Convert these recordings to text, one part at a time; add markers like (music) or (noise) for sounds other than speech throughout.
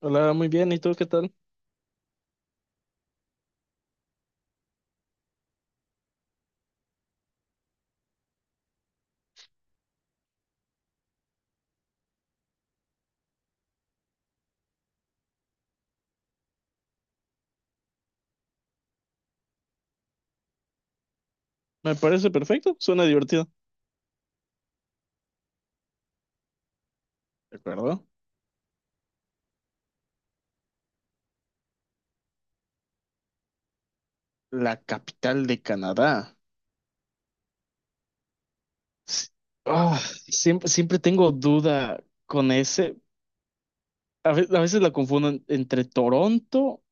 Hola, muy bien. ¿Y tú qué tal? Me parece perfecto. Suena divertido. ¿De acuerdo? La capital de Canadá. S- ah, siempre tengo duda con ese. A veces la confunden entre Toronto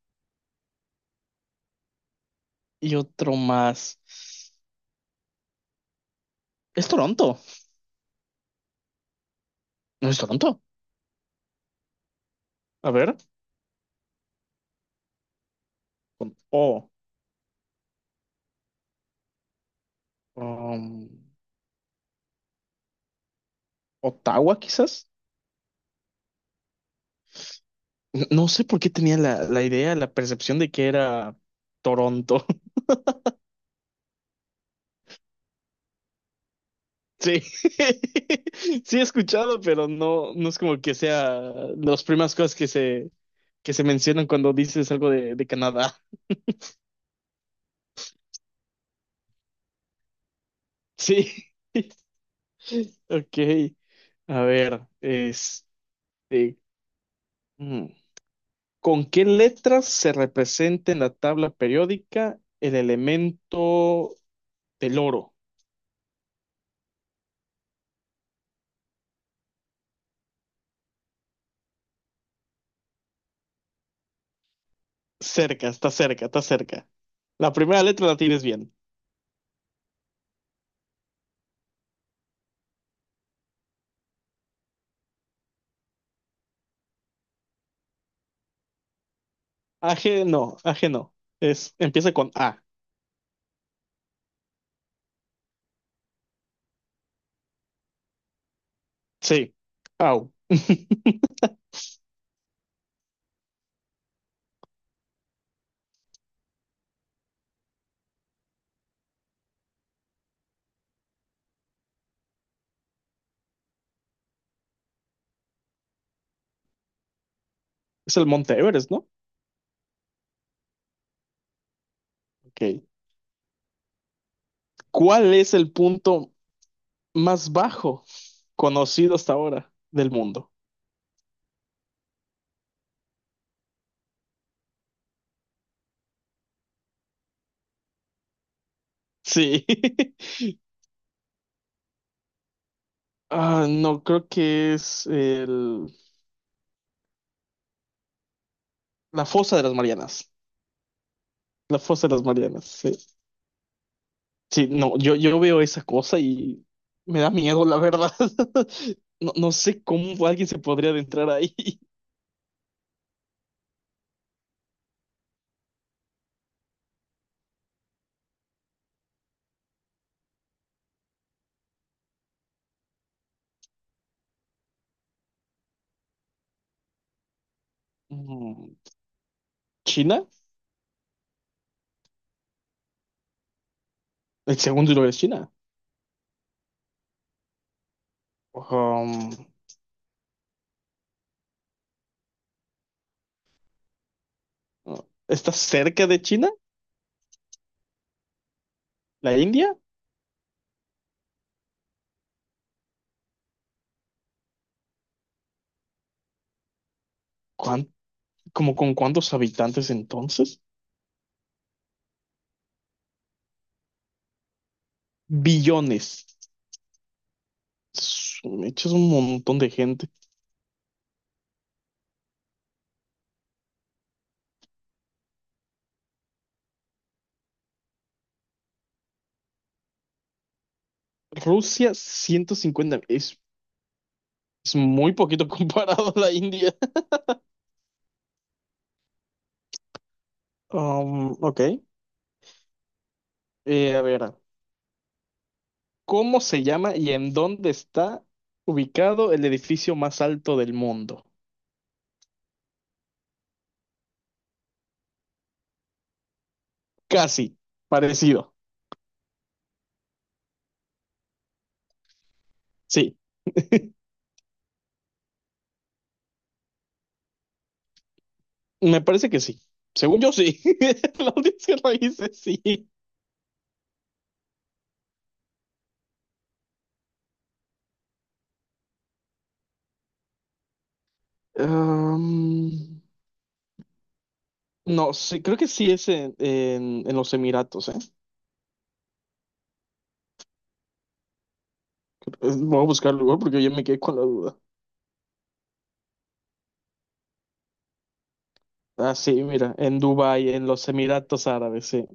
y otro más. ¿Es Toronto? ¿No es Toronto? A ver. Con O. um, Ottawa, quizás. No sé por qué tenía la idea, la percepción de que era Toronto. Sí, (laughs) sí he escuchado, pero no, no es como que sea las primeras cosas que se mencionan cuando dices algo de Canadá. Sí, (laughs) ok. A ver, este, mm, ¿con qué letras se representa en la tabla periódica el elemento del oro? Cerca, está cerca, está cerca. La primera letra la tienes bien. AG no, AG no. Es, empieza con A. Sí. Au. (laughs) Es el Monte Everest, ¿no? Ok. ¿Cuál es el punto más bajo conocido hasta ahora del mundo? Sí. (laughs) Ah, no, creo que la fosa de las Marianas. La fosa de las Marianas, sí. Sí, no, yo veo esa cosa y me da miedo, la verdad. (laughs) No, no sé cómo alguien se podría adentrar ahí. (laughs) Mm, ¿China? El segundo lugar es China. Um, ¿Está cerca de China? ¿La India? ¿Como con cuántos habitantes entonces? Billones. Su mecha, es un montón de gente. Rusia, 150 es muy poquito (laughs) comparado a la India. Ok. A ver, ¿cómo se llama y en dónde está ubicado el edificio más alto del mundo? Casi, parecido. Sí, me parece que sí. Según yo, sí. (laughs) La audiencia lo dice, sí. Um, no, sí, creo que sí es en los Emiratos, ¿eh? Voy a buscar el lugar porque yo me quedé con la duda. Ah, sí, mira, en Dubái, en los Emiratos Árabes, sí.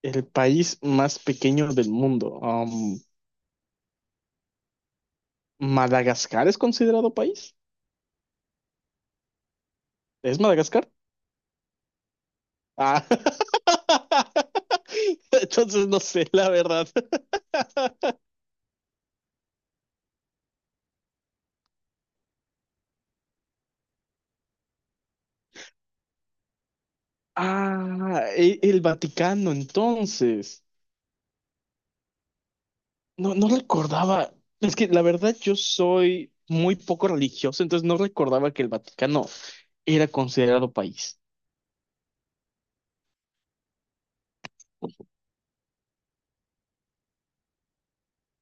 El país más pequeño del mundo. ¿Madagascar es considerado país? ¿Es Madagascar? Ah. (laughs) Entonces no sé, la verdad. (laughs) Ah, el Vaticano, entonces. No, no recordaba. Es que la verdad yo soy muy poco religioso, entonces no recordaba que el Vaticano era considerado país.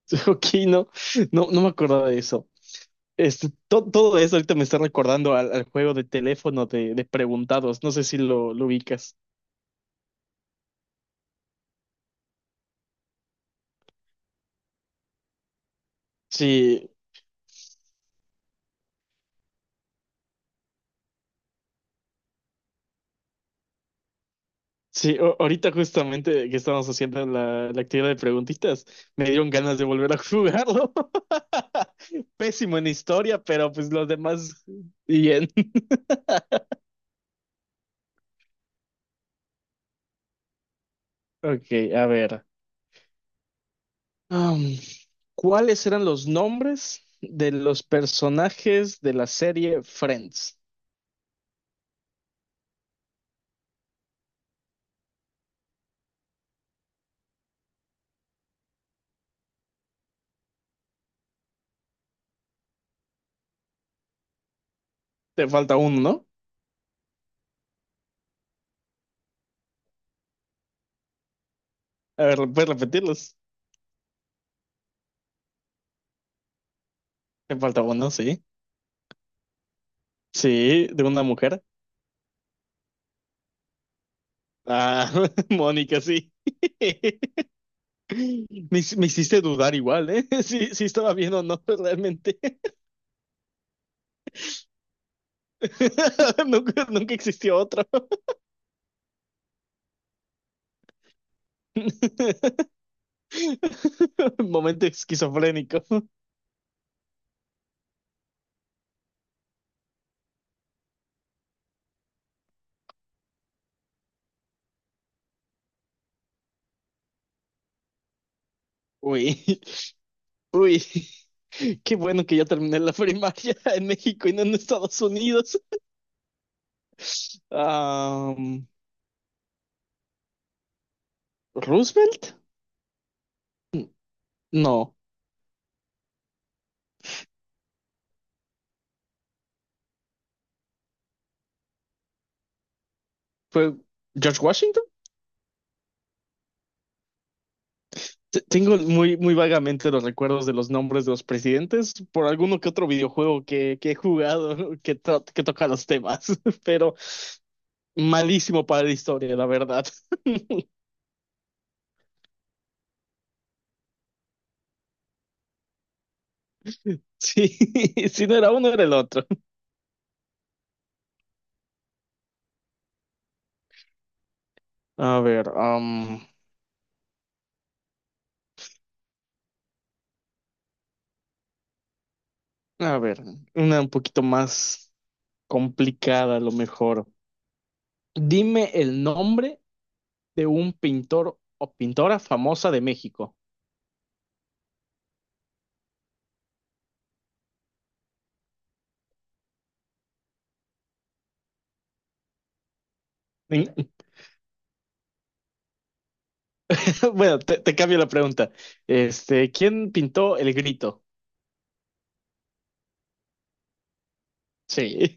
(laughs) Ok, no, no, no me acordaba de eso. Este, todo eso ahorita me está recordando al juego de teléfono de preguntados. No sé si lo ubicas. Sí, sí, ahorita justamente que estábamos haciendo la actividad de preguntitas, me dieron ganas de volver a jugarlo. (laughs) Pésimo en historia, pero pues los demás bien. (laughs) Ok, a ver. Am, ¿cuáles eran los nombres de los personajes de la serie Friends? Te falta uno, ¿no? A ver, ¿puedes repetirlos? Te falta uno, sí. Sí, de una mujer. Ah, (laughs) Mónica, sí. (laughs) Me, me hiciste dudar igual, ¿eh? (laughs) Sí, sí estaba bien o no, realmente. (laughs) Nunca, nunca existió otro. (laughs) Momento esquizofrénico. Uy. Uy, (laughs) qué bueno que ya terminé la primaria (laughs) en México y no en Estados Unidos. Am, ¿Roosevelt? No. ¿Fue George Washington? Tengo muy vagamente los recuerdos de los nombres de los presidentes por alguno que otro videojuego que he jugado (laughs) que, que toca los temas, (laughs) pero malísimo para la historia, la verdad. (laughs) Sí, (laughs) si no era uno, era el otro. A ver, am, a ver, una un poquito más complicada a lo mejor. Dime el nombre de un pintor o pintora famosa de México. En- (laughs) Bueno, te cambio la pregunta. Este, ¿quién pintó El Grito? Sí.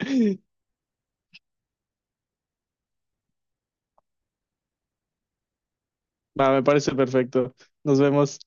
(laughs) Va, me parece perfecto. Nos vemos.